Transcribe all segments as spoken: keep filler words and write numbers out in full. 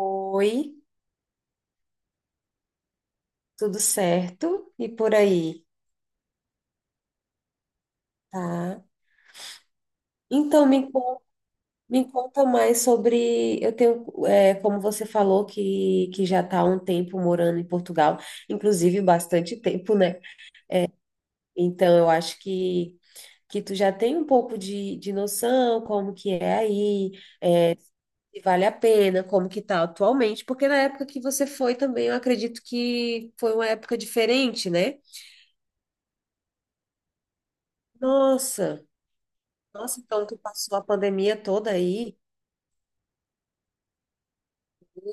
Oi, tudo certo? E por aí, tá? Então, me, con- me conta mais sobre. Eu tenho, é, como você falou, que, que já está há um tempo morando em Portugal, inclusive bastante tempo, né? Então, eu acho que, que tu já tem um pouco de, de noção como que é aí, se vale a pena, como que tá atualmente, porque na época que você foi também, eu acredito que foi uma época diferente, né? Nossa, nossa, então tu passou a pandemia toda aí.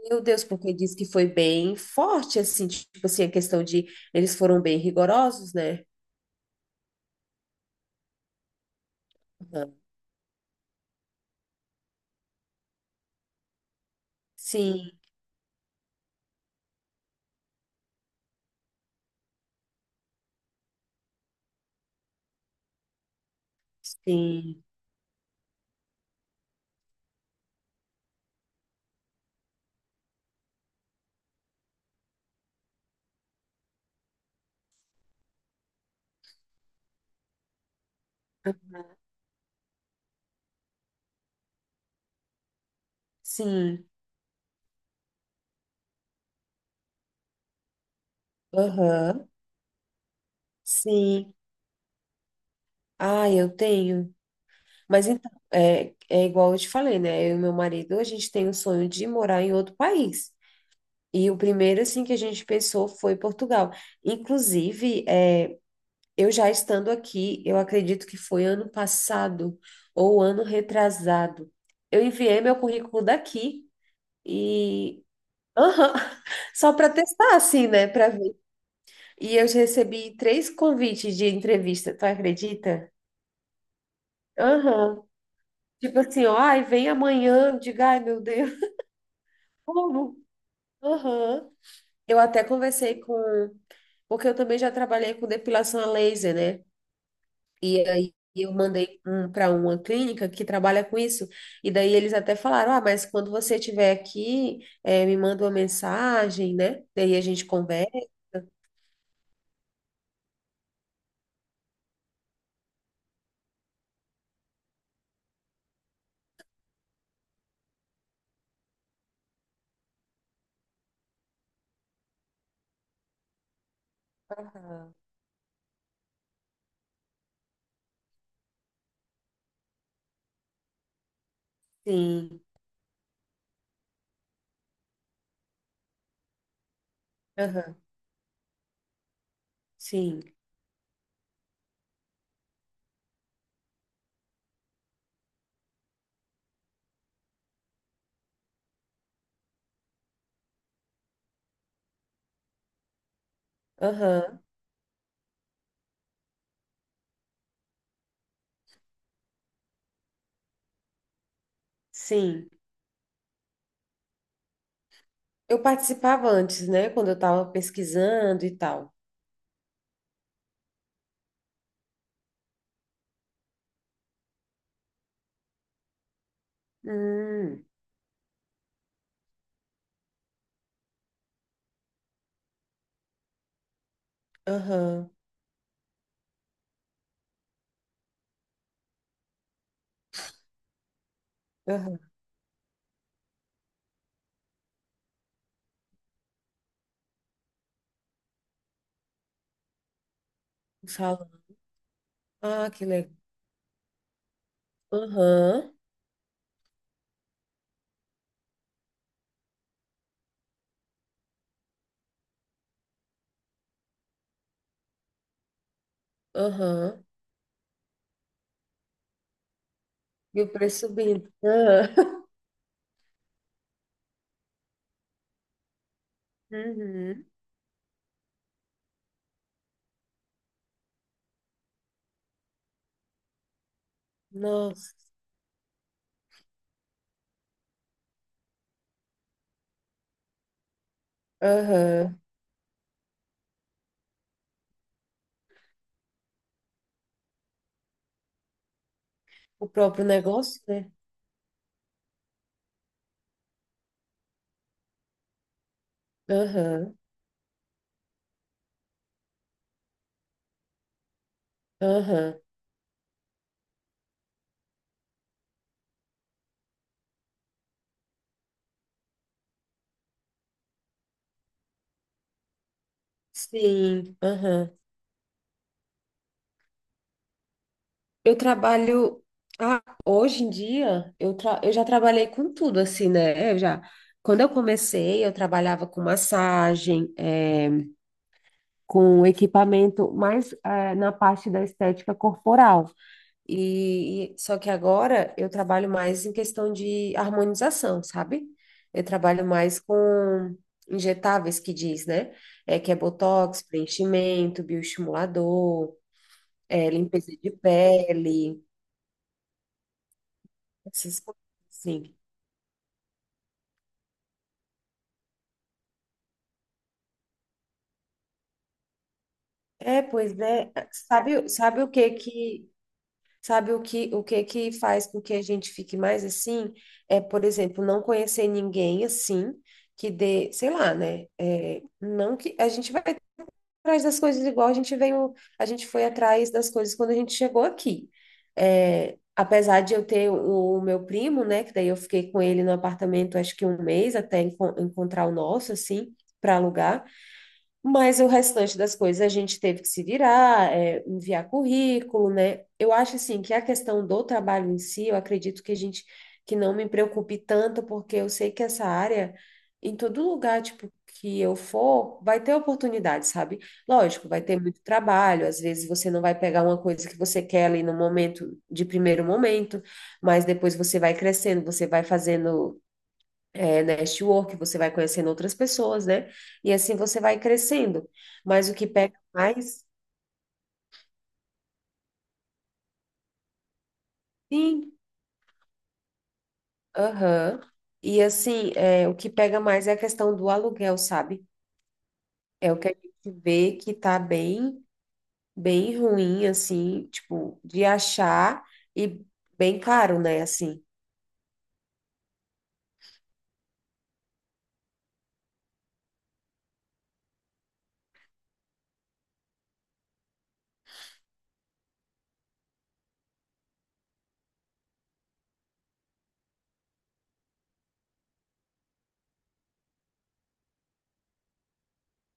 Meu Deus, porque diz que foi bem forte, assim, tipo assim, a questão de eles foram bem rigorosos, né? Aham. Sim, sim, sim, aham, sim. Ah, eu tenho. Mas então, é, é igual eu te falei, né? Eu e meu marido, a gente tem o sonho de morar em outro país. E o primeiro, assim, que a gente pensou foi Portugal. Inclusive, é. Eu já estando aqui, eu acredito que foi ano passado ou ano retrasado. Eu enviei meu currículo daqui e. Aham. Só para testar assim, né, para ver. E eu já recebi três convites de entrevista, tu acredita? Aham. Tipo assim, ó, ai, vem amanhã. Eu digo, ai, meu Deus, como? Aham. Eu até conversei com, porque eu também já trabalhei com depilação a laser, né? E aí eu mandei um para uma clínica que trabalha com isso. E daí eles até falaram: ah, mas quando você estiver aqui, eh, me manda uma mensagem, né? Daí a gente conversa. Aham. Sim, aham, sim, aham, sim. Eu participava antes, né? Quando eu estava pesquisando e tal. Hum, aham, aham. Fala. Ah, que legal. Aham, aham. E o preço subindo. Aham. Uhum. Nossa. Aham. O próprio negócio, né? Aham, aham. Sim, aham. Eu trabalho. Ah, hoje em dia, eu, tra... eu já trabalhei com tudo, assim, né? Eu já... Quando eu comecei, eu trabalhava com massagem, é com equipamento, mais eh, na parte da estética corporal. E, e- só que agora eu trabalho mais em questão de harmonização, sabe? Eu trabalho mais com injetáveis que diz, né? É que é botox, preenchimento, bioestimulador, é, limpeza de pele, essas coisas assim. É, pois é. Sabe, o- sabe o que que sabe o que o que que faz com que a gente fique mais assim? É, por exemplo, não conhecer ninguém assim que dê, sei lá, né? É, não que a gente vai atrás das coisas igual a gente veio, a gente foi atrás das coisas quando a gente chegou aqui. É, apesar de eu ter o, o meu primo, né, que daí eu fiquei com ele no apartamento acho que um mês até enco- encontrar o nosso, assim, para alugar. Mas o restante das coisas a gente teve que se virar, é, enviar currículo, né? Eu acho assim que a questão do trabalho em si, eu acredito que a gente que não me preocupe tanto, porque eu sei que essa área, em todo lugar, tipo, que eu for, vai ter oportunidade, sabe? Lógico, vai ter muito trabalho, às vezes você não vai pegar uma coisa que você quer ali no momento, de primeiro momento, mas depois você vai crescendo, você vai fazendo é, network, você vai conhecendo outras pessoas, né? E assim você vai crescendo. Mas o que pega mais, sim, aham. E assim, é, o que pega mais é a questão do aluguel, sabe? É o que a gente vê que tá bem, bem ruim, assim, tipo, de achar e bem caro, né? Assim.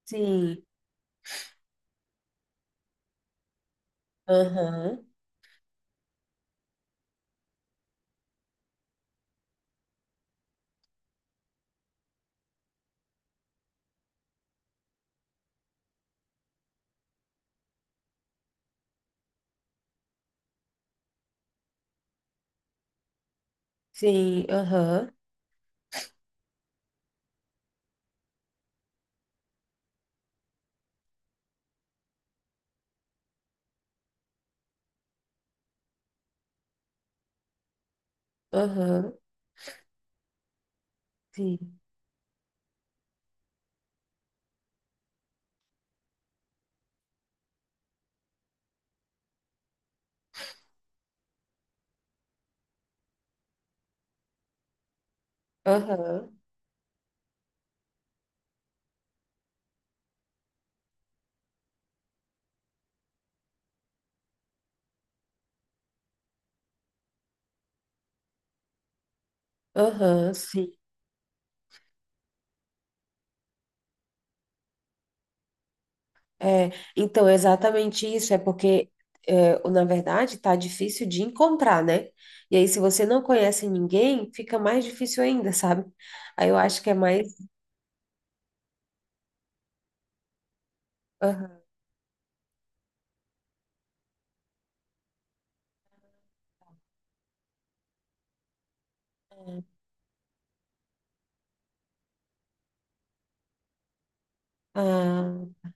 Sim, aham, sim, aham, aham, sim, aham, aham, sim. É, então, é exatamente isso, é porque, é, na verdade, tá difícil de encontrar, né? E aí, se você não conhece ninguém, fica mais difícil ainda, sabe? Aí eu acho que é mais. Aham, ah,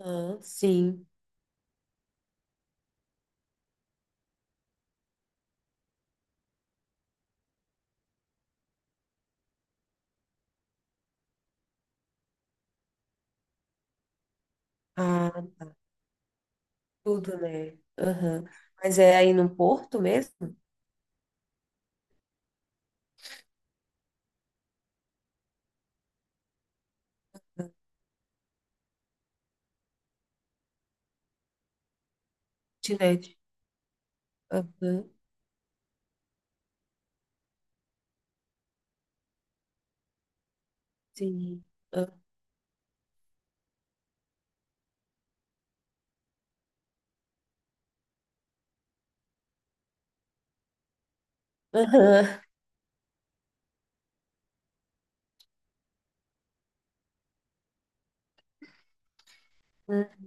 aham, sim, ah, tudo, né? Aham. Mas é aí no Porto mesmo? Kitnet. Aham, sim. Ah, aham. Hum.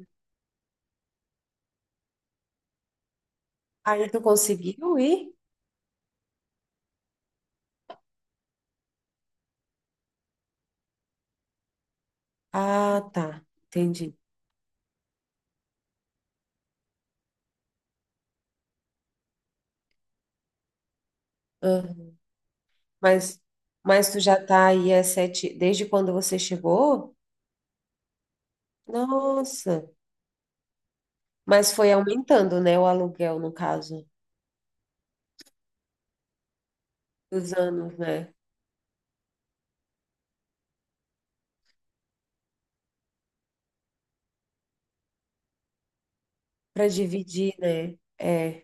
Aí tu conseguiu ir? Ah, tá, entendi. Mas, mas tu já tá aí há sete, desde quando você chegou? Nossa, mas foi aumentando, né, o aluguel, no caso, dos anos, né? Para dividir, né? É.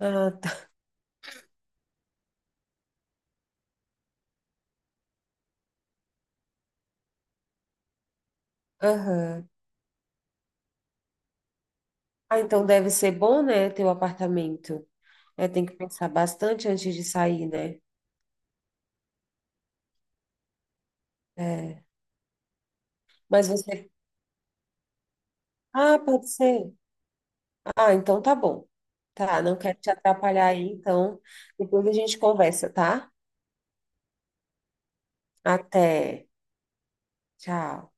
Ah, tá. Aham. Ah, então deve ser bom, né, teu apartamento. É, tem que pensar bastante antes de sair, né? É. Mas você. Ah, pode ser. Ah, então tá bom. Tá, não quero te atrapalhar aí, então depois a gente conversa, tá? Até. Tchau.